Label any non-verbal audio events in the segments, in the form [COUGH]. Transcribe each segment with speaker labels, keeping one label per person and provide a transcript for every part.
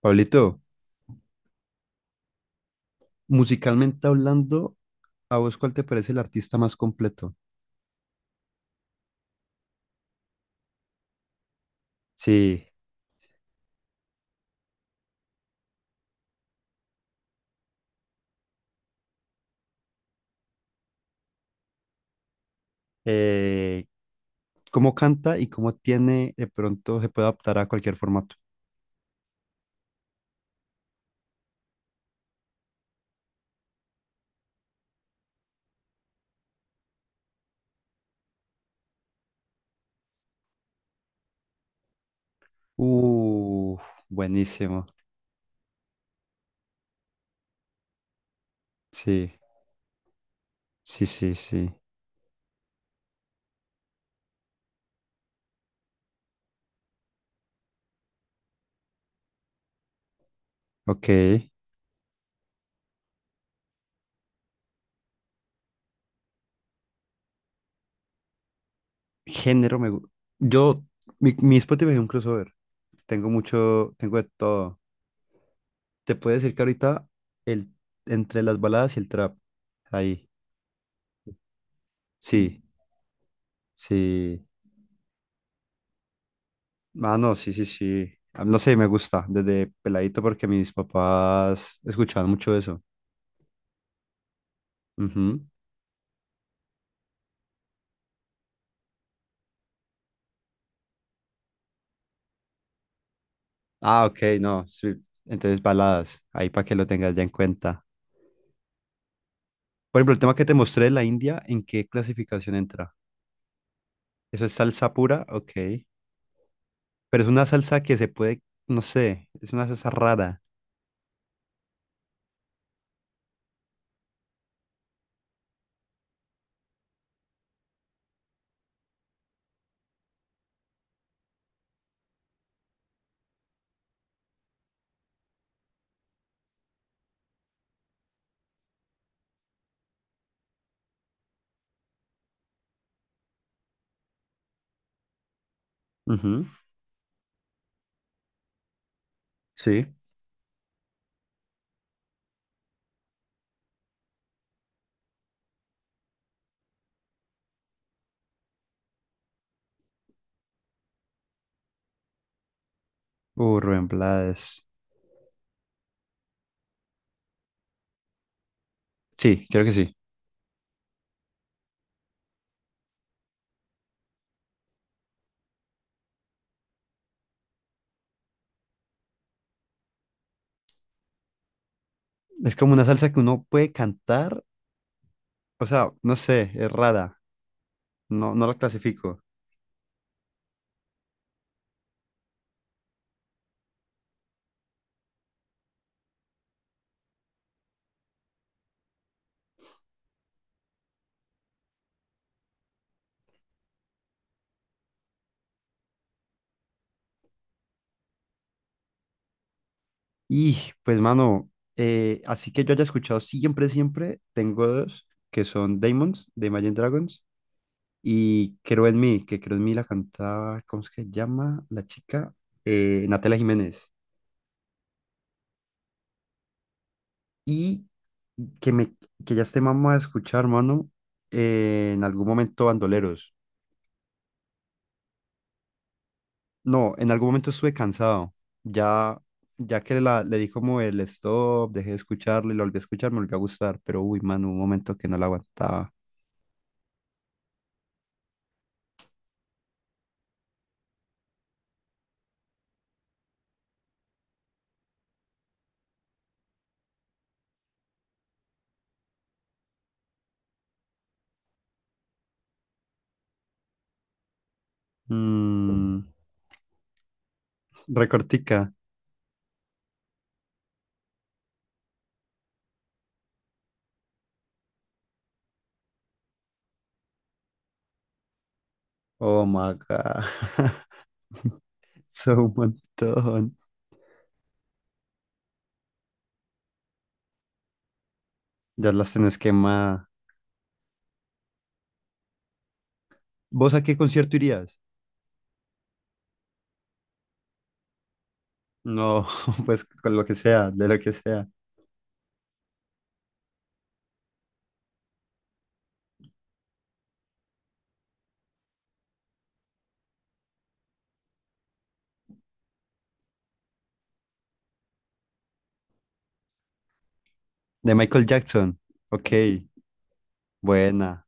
Speaker 1: Pablito, musicalmente hablando, ¿a vos cuál te parece el artista más completo? Sí, eh, ¿cómo canta y cómo tiene, de pronto se puede adaptar a cualquier formato? Uh, buenísimo. Sí, sí, sí, sí. Ok. Género me gusta. Yo, mi Spotify es un crossover. Tengo mucho, tengo de todo. Te puedo decir que ahorita el, entre las baladas y el trap. Ahí. Sí, sí. Mano, sí, sí, sí. Ah, no sé, me gusta desde peladito porque mis papás escuchaban mucho eso. Ujú. Ah, ok, no. Sí. Entonces, baladas, ahí para que lo tengas ya en cuenta. Por ejemplo, el tema que te mostré de la India, ¿en qué clasificación entra? ¿Eso es salsa pura? Ok. Pero es una salsa que se puede, no sé, es una salsa rara. Ujú, sí. Rubén Blades. Sí, creo que sí. Es como una salsa que uno puede cantar. O sea, no sé, es rara. No, no la clasifico. Y pues, mano, así que yo haya escuchado siempre, siempre, tengo dos que son Daemons de Imagine Dragons y Creo en mí, que Creo en mí la cantaba, ¿cómo es que se llama la chica? Natalia Jiménez. Y que, me, que ya esté mamá a escuchar, mano, en algún momento Bandoleros. No, en algún momento estuve cansado. Ya, ya que la, le di como el stop, dejé de escucharlo y lo volví a escuchar, me volvió a gustar, pero uy, mano, un momento que no la aguantaba. Mm. Recortica. Oh my God. [LAUGHS] Son un montón. Ya las tenés quemada. ¿Vos a qué concierto irías? No, [LAUGHS] pues con lo que sea, de lo que sea. De Michael Jackson. Ok, buena.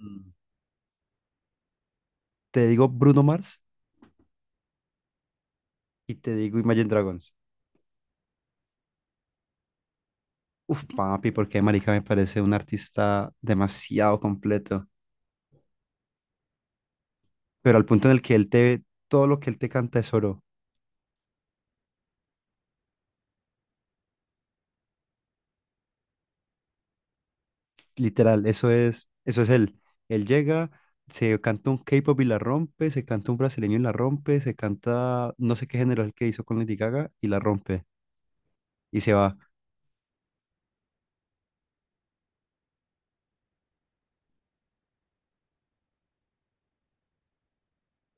Speaker 1: Mm. Te digo Bruno Mars y te digo Imagine Dragons. Uf, papi, porque marica me parece un artista demasiado completo. Pero al punto en el que él te, todo lo que él te canta es oro. Literal, eso es él. Él llega, se canta un K-pop y la rompe, se canta un brasileño y la rompe, se canta no sé qué género es el que hizo con Lady Gaga y la rompe. Y se va.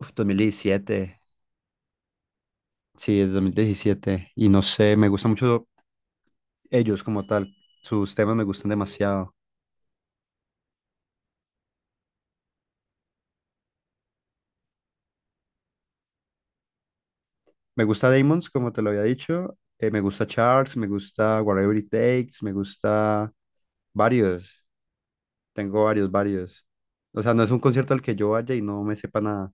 Speaker 1: Uf, 2017. Sí, es 2017. Y no sé, me gustan mucho ellos como tal. Sus temas me gustan demasiado. Me gusta Damons, como te lo había dicho. Me gusta Charles, me gusta Whatever It Takes, me gusta varios. Tengo varios, varios. O sea, no es un concierto al que yo vaya y no me sepa nada.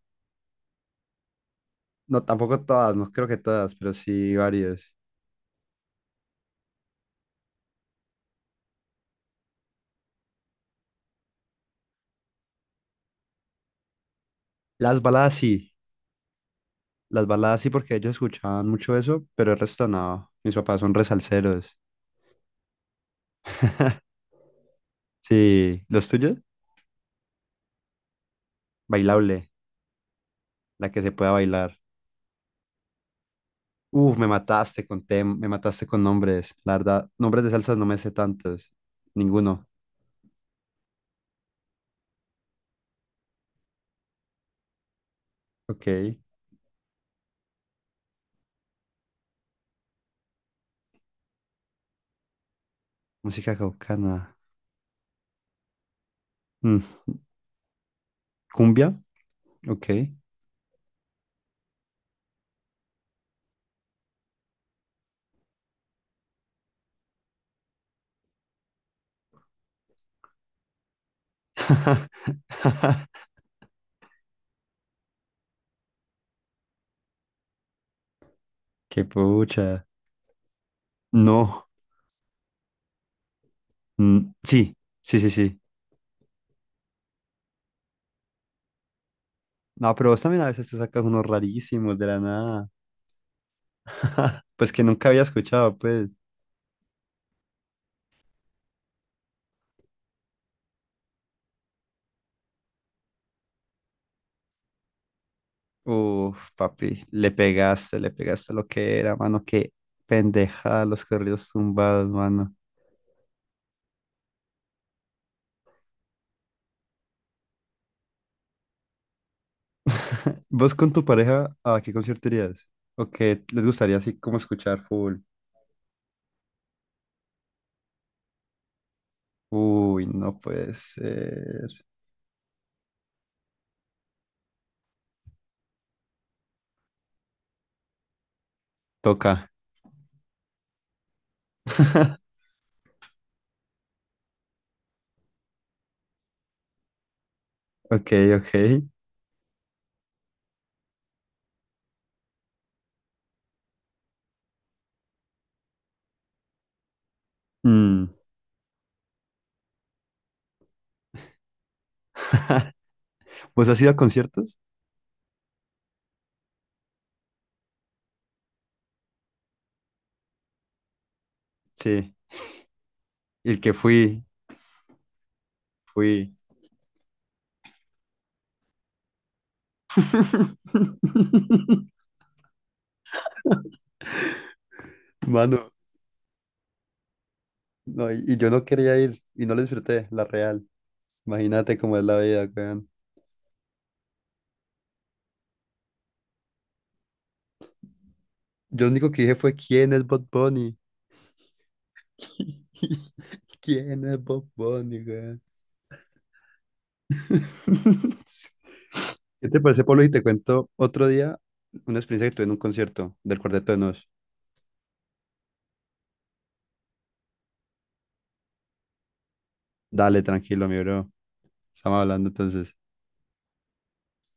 Speaker 1: No, tampoco todas, no creo que todas, pero sí varias. Las baladas sí, las baladas sí porque ellos escuchaban mucho eso, pero el resto no. Mis papás son resalseros. Sí, ¿los tuyos? Bailable, la que se pueda bailar. Uf, me mataste con tem, me mataste con nombres, la verdad. Nombres de salsas no me sé tantos, ninguno. Ok, música caucana. Mm, ¿cumbia? Ok. [LAUGHS] Qué pucha. No. Mm, sí, sí, sí, sí. No, pero vos también a veces te sacas unos rarísimos de la nada. [LAUGHS] Pues que nunca había escuchado, pues. Uf, papi, le pegaste lo que era, mano. Qué pendeja los corridos tumbados, mano. [LAUGHS] ¿Vos con tu pareja a qué concierto irías? ¿O qué les gustaría así como escuchar full? Uy, no puede ser. Toca. [LAUGHS] Ok, ok. Mm, ¿vos has ido a conciertos? Sí. El que fui, fui. [LAUGHS] Mano, no, y yo no quería ir y no lo disfruté, la real. Imagínate cómo es la vida, weón. Yo lo único que dije fue, ¿quién es Bob Bunny? [LAUGHS] ¿Quién es Bob Bunny, weón? [LAUGHS] Sí. ¿Qué te parece, Pablo? Y te cuento otro día una experiencia que tuve en un concierto del Cuarteto de Nos. Dale, tranquilo, mi bro. Estamos hablando entonces.